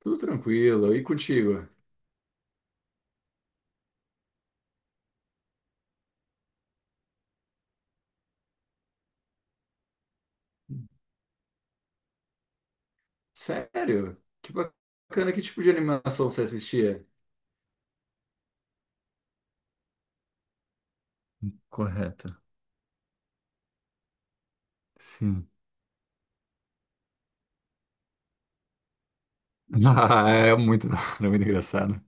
Tudo tranquilo. E contigo? Sério? Que bacana. Que tipo de animação você assistia? Correto. Sim. Ah, é muito da hora, muito engraçado.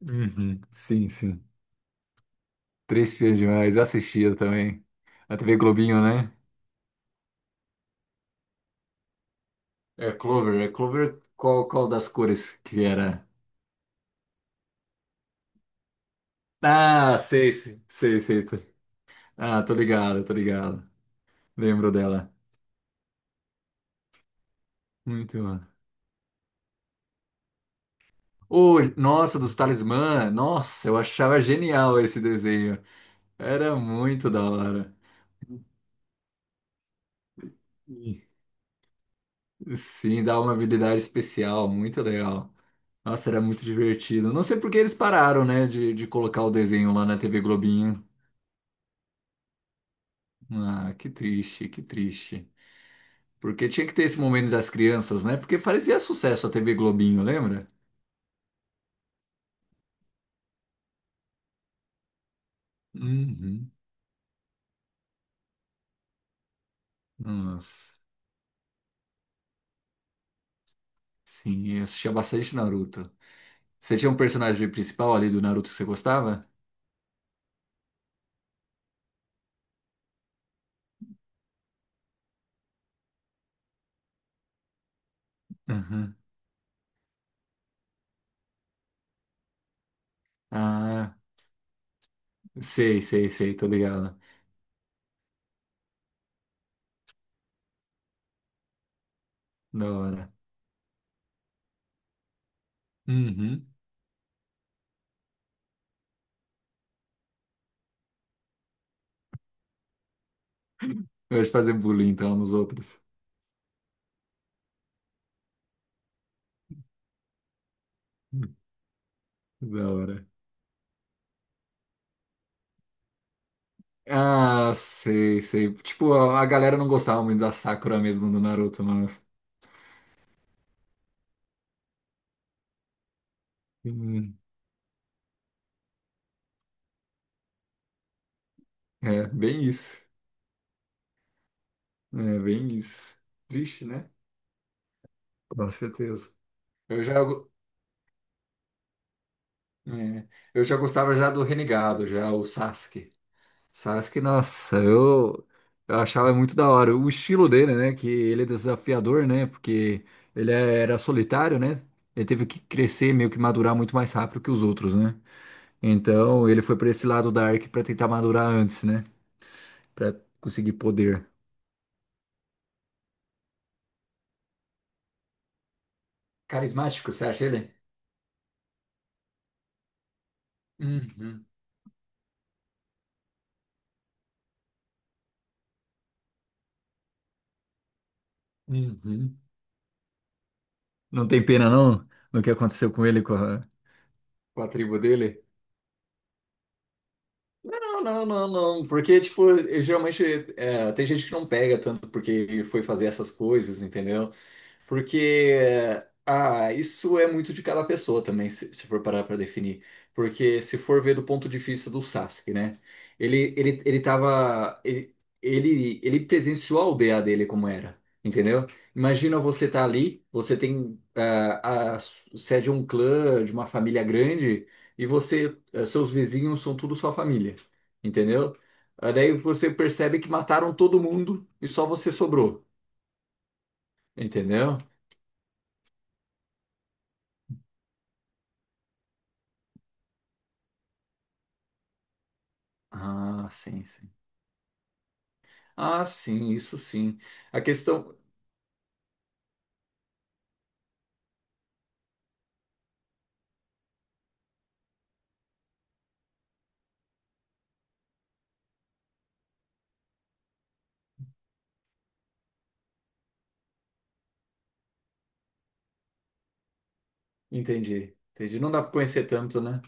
Uhum. Sim. Três Espiãs Demais. Eu assistia também. A TV Globinho, né? É Clover. É Clover. Qual das cores que era? Ah, sei. Tô- Ah, tô ligado. Lembro dela. Muito, mano. Oh, nossa, dos Talismã. Nossa, eu achava genial esse desenho. Era muito da hora. E- Sim, dá uma habilidade especial, muito legal. Nossa, era muito divertido. Não sei por que eles pararam, né, de colocar o desenho lá na TV Globinho. Ah, que triste. Porque tinha que ter esse momento das crianças, né? Porque fazia sucesso a TV Globinho, lembra? Uhum. Nossa. Sim, eu assistia bastante Naruto. Você tinha um personagem principal ali do Naruto que você gostava? Uhum. Ah, sei, tô ligado. Da hora. Uhum. Eu gosto de fazer bullying, então, nos outros. Hum. Da hora. Ah, sei. Tipo, a galera não gostava muito da Sakura mesmo do Naruto, mano. Hum, É, bem isso. É, bem isso. Triste, né? Com certeza. Eu já, go- é, eu já gostava já do Renegado, já o Sasuke. Sasuke, nossa, eu achava muito da hora. O estilo dele, né? Que ele é desafiador, né? Porque ele é, era solitário, né? Ele teve que crescer, meio que madurar muito mais rápido que os outros, né? Então ele foi pra esse lado dark Ark pra tentar madurar antes, né? Pra conseguir poder. Carismático, você acha ele? Uhum, uhum. Não tem pena não no que aconteceu com ele com a... Com a tribo dele? Não. Porque, tipo, geralmente é, tem gente que não pega tanto porque foi fazer essas coisas, entendeu? Porque ah, isso é muito de cada pessoa também, se for parar para definir. Porque se for ver do ponto de vista do Sasuke, né? Ele tava ele presenciou a aldeia dele como era, entendeu? Imagina você tá ali, você tem ah, a você é de um clã, de uma família grande e você ah, seus vizinhos são tudo sua família, entendeu? Ah, daí você percebe que mataram todo mundo e só você sobrou, entendeu? Ah, sim. Ah, sim, isso sim. A questão. Entendi. Não dá pra conhecer tanto, né?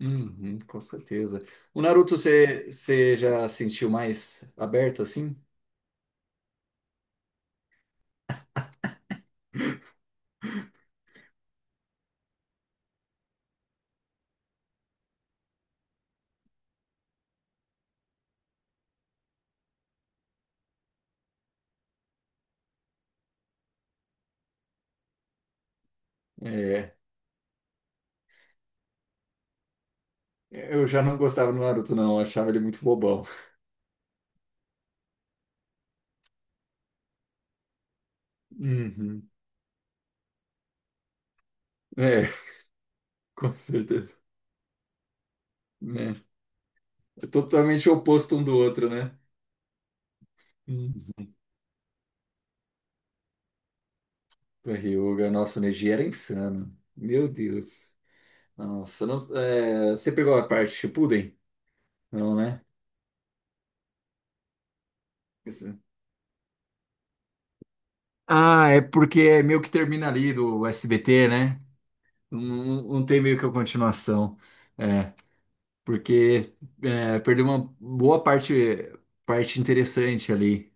Uhum, com certeza. O Naruto, você já sentiu mais aberto assim? É. Eu já não gostava do Naruto, não. Eu achava ele muito bobão. Uhum. É, com certeza. Né? É totalmente oposto um do outro, né? Hum. Do Ryuga, nossa, o Neji era insano. Meu Deus. Nossa, não- é, você pegou a parte Shippuden? Não, né? Ah, é porque é meio que termina ali do SBT, né? Não, não- não tem meio que a continuação. É, porque é, perdeu uma boa parte, parte interessante ali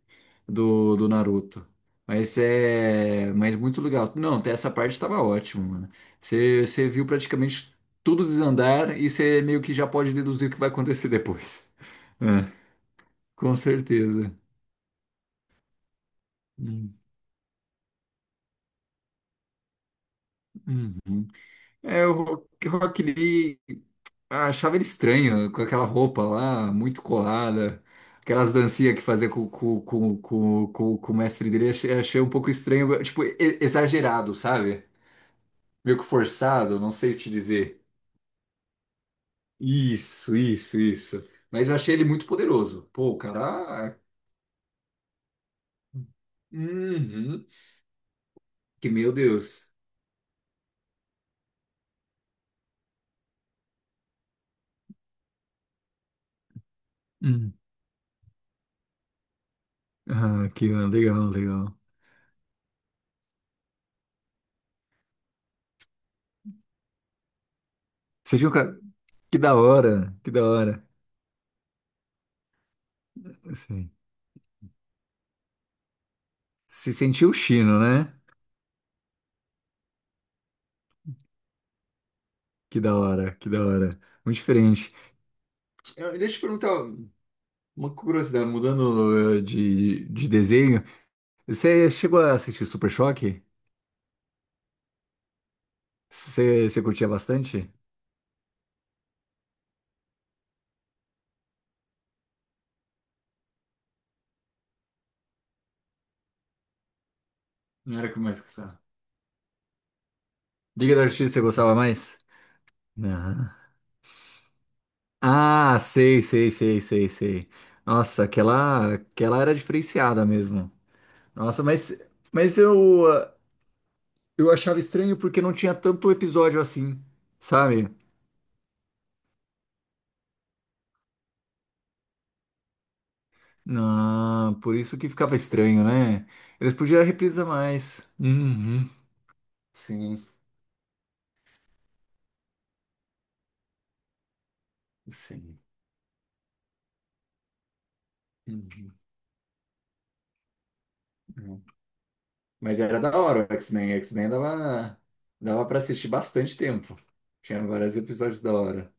do, do Naruto. Mas é, mas muito legal. Não, até essa parte estava ótimo, mano. Você viu praticamente tudo desandar e você meio que já pode deduzir o que vai acontecer depois. É, com certeza. Hum. É, o Rock Lee. Ah, achava ele estranho, com aquela roupa lá, muito colada, aquelas dancinhas que fazia com o mestre dele, achei um pouco estranho, tipo, e- exagerado, sabe? Meio que forçado, não sei te dizer. Isso. Mas eu achei ele muito poderoso. Pô, o cara. Uhum. Que meu Deus. Hum. Ah, que legal. Você viu que, que da hora. Assim, se sentiu o chino, né? Que da hora. Muito diferente. Eu- Deixa eu te perguntar uma curiosidade, mudando de desenho. Você chegou a assistir Super Choque? Você curtia bastante? Não era o que eu mais gostava. Liga da Justiça, você gostava mais? Não. Ah, sei. Nossa, aquela, aquela era diferenciada mesmo. Nossa, mas eu, ah, eu achava estranho porque não tinha tanto episódio assim, sabe? Não, por isso que ficava estranho, né? Eles podiam reprisar mais. Uhum. Sim, sim. Uhum, uhum. Mas era da hora o X-Men. X-Men dava, dava para assistir bastante tempo. Tinha vários episódios da hora.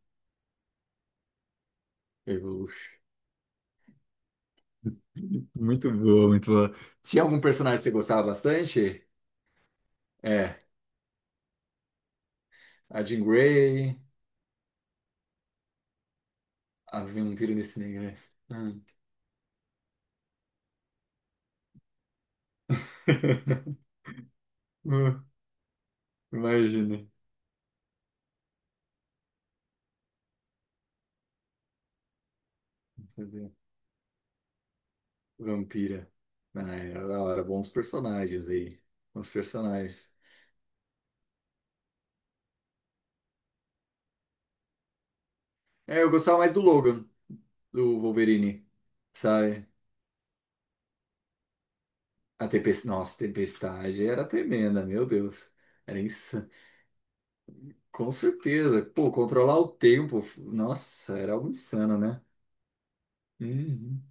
Eu- Muito boa. Tinha algum personagem que você gostava bastante? É, a Jean Grey, a Vampira Miss Negra. Hum. Hum, imagina. Vampira. Ah, era da hora. Bons personagens aí. Bons personagens. É, eu gostava mais do Logan, do Wolverine. Sabe? A tempestade, nossa, a tempestade era tremenda, meu Deus. Era insano. Com certeza. Pô, controlar o tempo, nossa, era algo insano, né? Uhum.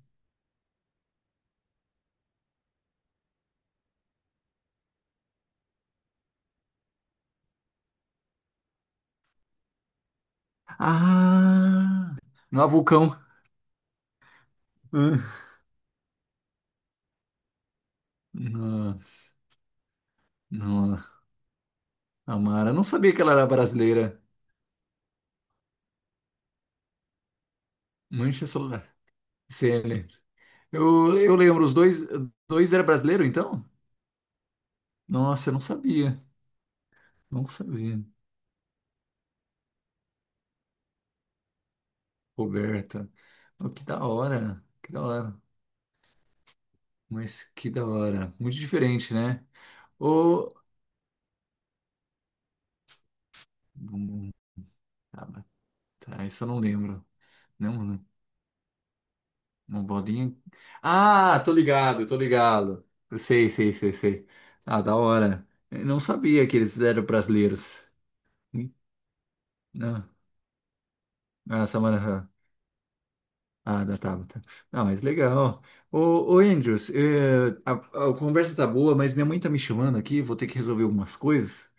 Ah, no vulcão. Ah, nossa, não, Amara, eu não sabia que ela era brasileira. Mancha solar. CN. Eu lembro, os dois, dois era brasileiro, então? Nossa, eu não sabia. Não sabia. Roberta. Oh, que da hora. Mas que da hora. Muito diferente, né? Ou. Hum, Tá, tá, isso eu não lembro. Não, né? Uma bolinha. Ah, tô ligado. Eu sei, sei. Ah, da hora. Eu não sabia que eles eram brasileiros. Hum, Não. Ah, Samara. Ah, da Tabata. Ah, mas legal. Ô, ô Andrews, eh, a conversa tá boa, mas minha mãe tá me chamando aqui, vou ter que resolver algumas coisas,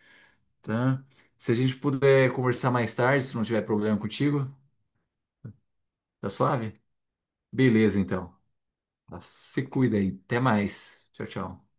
tá? Se a gente puder conversar mais tarde, se não tiver problema contigo. Tá suave? Beleza, então. Se cuida aí. Até mais. Tchau, tchau.